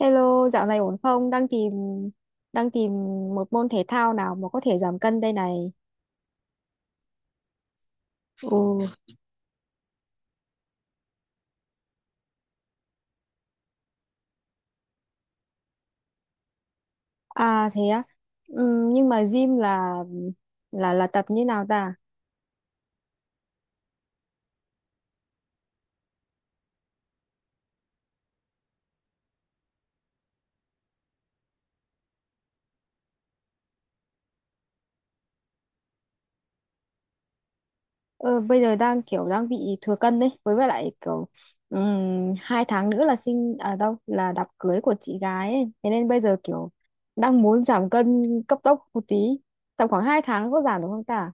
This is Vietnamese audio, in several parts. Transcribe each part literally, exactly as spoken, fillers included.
Hello, dạo này ổn không? Đang tìm đang tìm một môn thể thao nào mà có thể giảm cân đây này. Ồ. À, thế á. Ừm, nhưng mà gym là là là tập như nào ta? Ờ, bây giờ đang kiểu đang bị thừa cân đấy, với lại kiểu ừm, hai tháng nữa là sinh à đâu là đám cưới của chị gái ấy. Thế nên bây giờ kiểu đang muốn giảm cân cấp tốc một tí. Tầm khoảng hai tháng có giảm được không ta?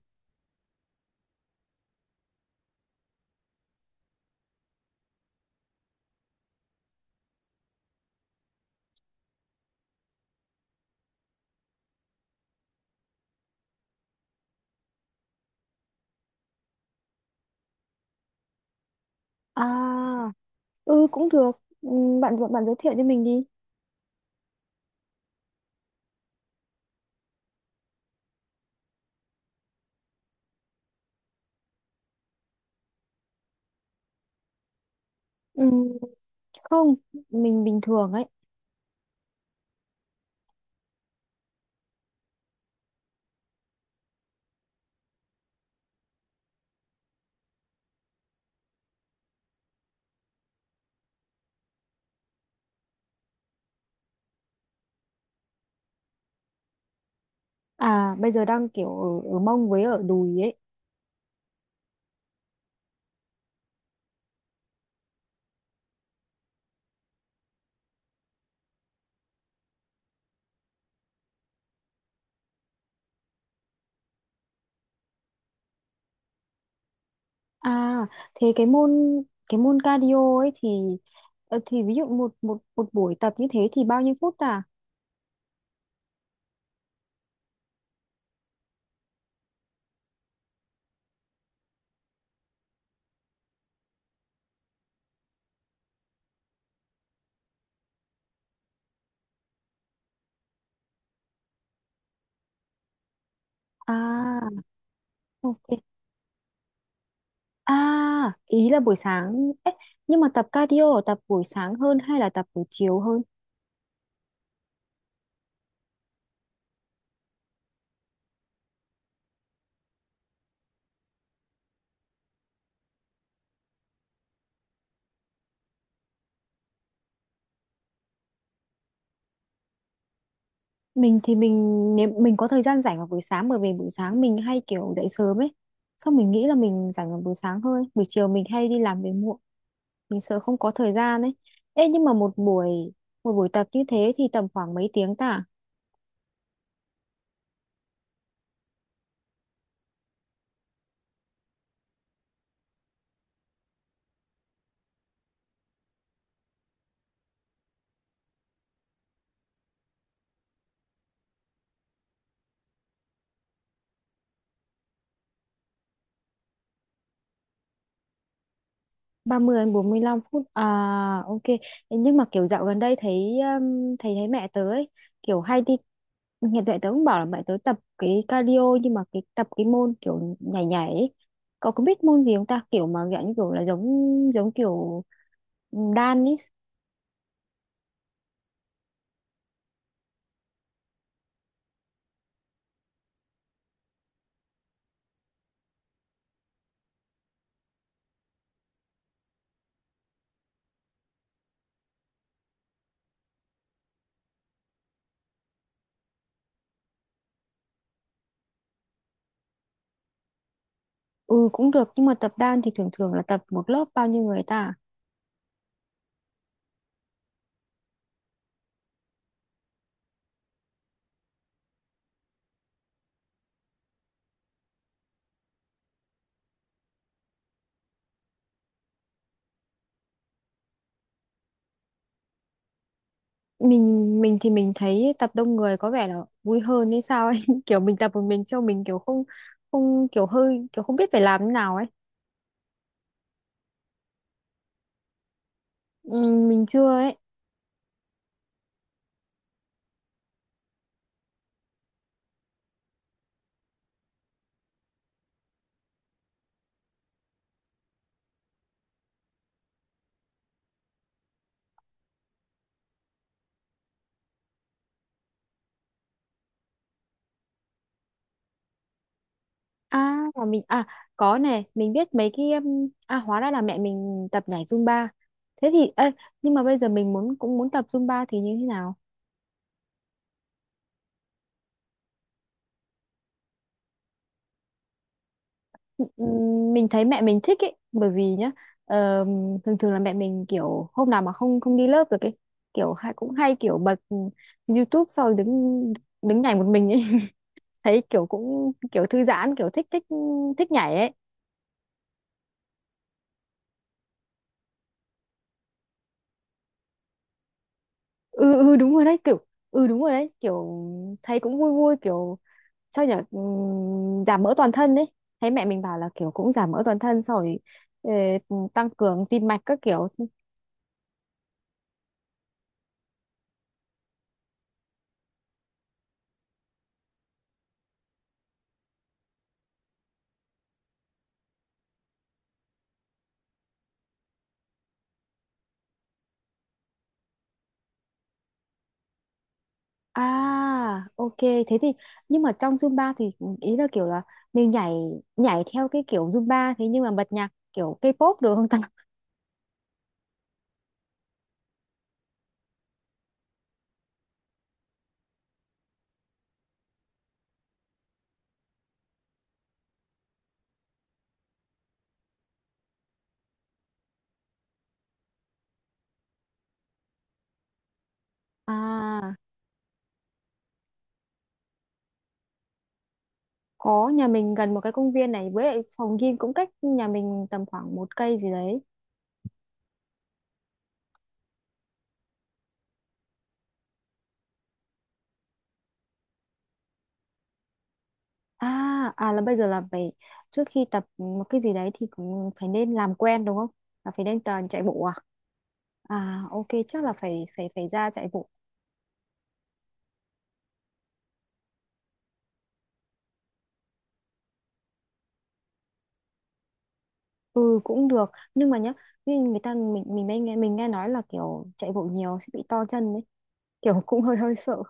À, ừ, cũng được. Ừm, bạn bạn giới thiệu cho mình đi. Ừ. Không, mình bình thường ấy. À, bây giờ đang kiểu ở, ở mông với ở đùi ấy. À, thế cái môn cái môn cardio ấy thì ờ, thì ví dụ một một một buổi tập như thế thì bao nhiêu phút à? À, ok. À, ý là buổi sáng ấy, nhưng mà tập cardio là tập buổi sáng hơn hay là tập buổi chiều hơn? Mình thì mình nếu mình có thời gian rảnh vào buổi sáng, bởi vì buổi sáng mình hay kiểu dậy sớm ấy, xong mình nghĩ là mình rảnh vào buổi sáng hơn, buổi chiều mình hay đi làm về muộn, mình sợ không có thời gian ấy. Ê, nhưng mà một buổi một buổi tập như thế thì tầm khoảng mấy tiếng ta? ba mươi đến bốn mươi lăm phút à? Ok. Ê, nhưng mà kiểu dạo gần đây thấy um, thấy thấy mẹ tớ ấy kiểu hay đi, hiện tại tớ cũng bảo là mẹ tớ tập cái cardio, nhưng mà cái tập cái môn kiểu nhảy nhảy ấy. Cậu có biết môn gì không ta, kiểu mà dạng như kiểu là giống giống kiểu đan ấy? Ừ, cũng được nhưng mà tập đan thì thường thường là tập một lớp bao nhiêu người ta? Mình mình thì mình thấy tập đông người có vẻ là vui hơn hay sao ấy kiểu mình tập một mình cho mình kiểu không không kiểu hơi kiểu không biết phải làm thế nào ấy. Ừm, mình chưa ấy. À, mà mình, à, có này mình biết mấy cái um, à, hóa ra là mẹ mình tập nhảy Zumba, thế thì ê, nhưng mà bây giờ mình muốn cũng muốn tập Zumba thì như thế nào? Ừm, mình thấy mẹ mình thích ấy, bởi vì nhá ờ, thường thường là mẹ mình kiểu hôm nào mà không không đi lớp được ấy, kiểu hay cũng hay kiểu bật YouTube sau đứng đứng nhảy một mình ấy thấy kiểu cũng kiểu thư giãn kiểu thích thích thích nhảy ấy. Ừ, ừ, đúng rồi đấy kiểu. Ừ, đúng rồi đấy kiểu, thấy cũng vui vui, kiểu sao nhở. Ừm, giảm mỡ toàn thân đấy, thấy mẹ mình bảo là kiểu cũng giảm mỡ toàn thân, xong rồi ờ, tăng cường tim mạch các kiểu. À, ok. Thế thì nhưng mà trong Zumba thì ý là kiểu là mình nhảy nhảy theo cái kiểu Zumba thế, nhưng mà bật nhạc kiểu K-pop được không ta? À, có, nhà mình gần một cái công viên này, với lại phòng gym cũng cách nhà mình tầm khoảng một cây gì đấy. À, à là bây giờ là phải trước khi tập một cái gì đấy thì cũng phải nên làm quen đúng không? Là phải nên tờ chạy bộ à? À, ok, chắc là phải phải phải ra chạy bộ. Ừ, cũng được nhưng mà nhá, như người ta mình mình mới nghe, mình nghe nói là kiểu chạy bộ nhiều sẽ bị to chân đấy kiểu cũng hơi hơi sợ.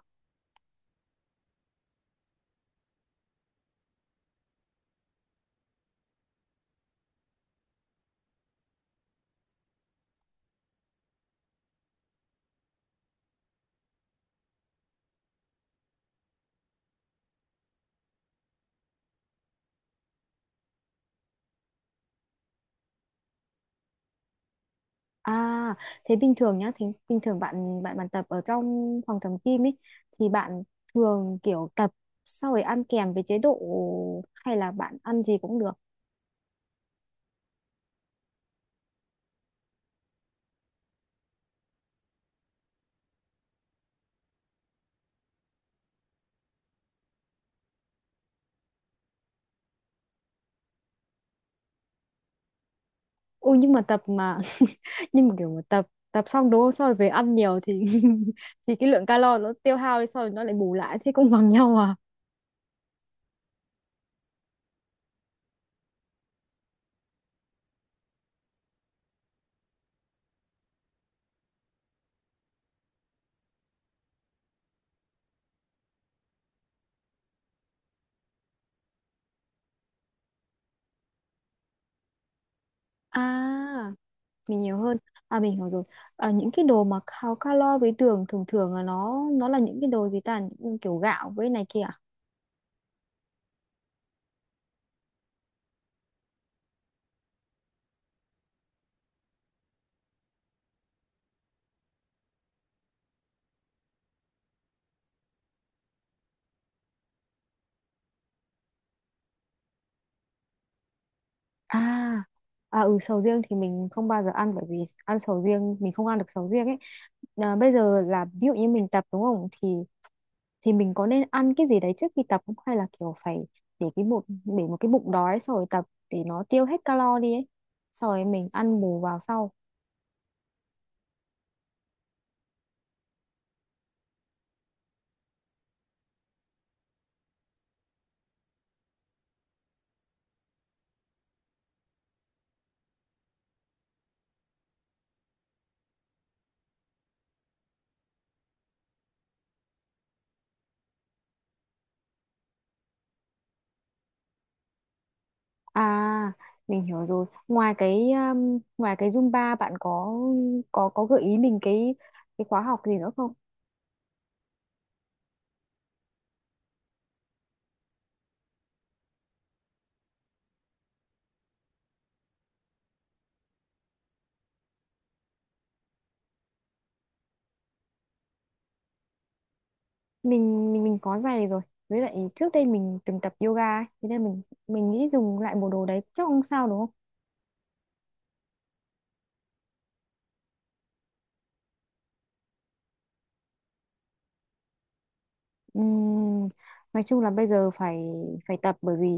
À, thế bình thường nhá thì bình thường bạn bạn bạn tập ở trong phòng tập gym ấy thì bạn thường kiểu tập sau rồi ăn kèm với chế độ, hay là bạn ăn gì cũng được? Ừ, nhưng mà tập mà nhưng mà kiểu mà tập tập xong đúng không, sau rồi về ăn nhiều thì thì cái lượng calo nó tiêu hao đi sau rồi nó lại bù lại, thế cũng bằng nhau à? À, mình nhiều hơn. À, mình hiểu rồi. À, những cái đồ mà cao calo với đường thường thường là nó nó là những cái đồ gì ta, những kiểu gạo với này kia à? À, à, ừ, sầu riêng thì mình không bao giờ ăn, bởi vì ăn sầu riêng, mình không ăn được sầu riêng ấy. À, bây giờ là ví dụ như mình tập đúng không thì thì mình có nên ăn cái gì đấy trước khi tập không, hay là kiểu phải để cái bụng, để một cái bụng đói xong rồi tập để nó tiêu hết calo đi ấy, xong rồi mình ăn bù vào sau? À, mình hiểu rồi. Ngoài cái um, ngoài cái Zumba, bạn có có có gợi ý mình cái cái khóa học gì nữa không? Mình mình mình có giày rồi. Với lại trước đây mình từng tập yoga ấy, thế nên mình mình nghĩ dùng lại bộ đồ đấy chắc không sao đúng không? Ừm, nói chung là bây giờ phải phải tập, bởi vì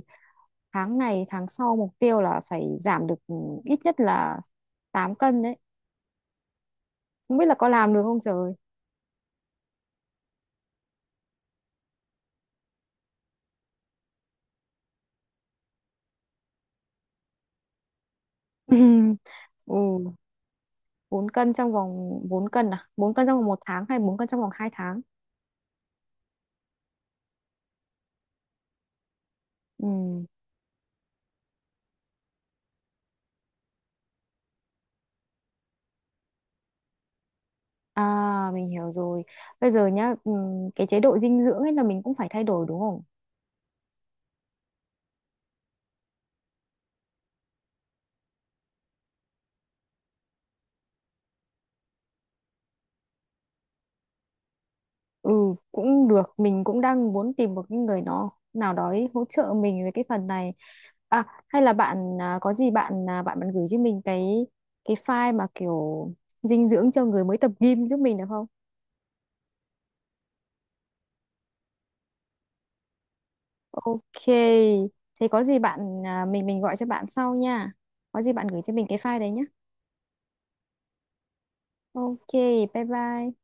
tháng này tháng sau mục tiêu là phải giảm được ừ, ít nhất là tám cân đấy. Không biết là có làm được không trời. Ừ. Bốn cân trong vòng bốn cân à, bốn cân trong vòng một tháng hay bốn cân trong vòng hai tháng? Ừ. À, mình hiểu rồi. Bây giờ nhá, ừ, cái chế độ dinh dưỡng ấy là mình cũng phải thay đổi đúng không? Ừ, cũng được, mình cũng đang muốn tìm một cái người nó nào đó ấy hỗ trợ mình về cái phần này. À, hay là bạn, à, có gì bạn à, bạn bạn gửi cho mình cái cái file mà kiểu dinh dưỡng cho người mới tập gym giúp mình được không? Ok, thế có gì bạn, à, mình mình gọi cho bạn sau nha, có gì bạn gửi cho mình cái file đấy nhé. Ok, bye bye.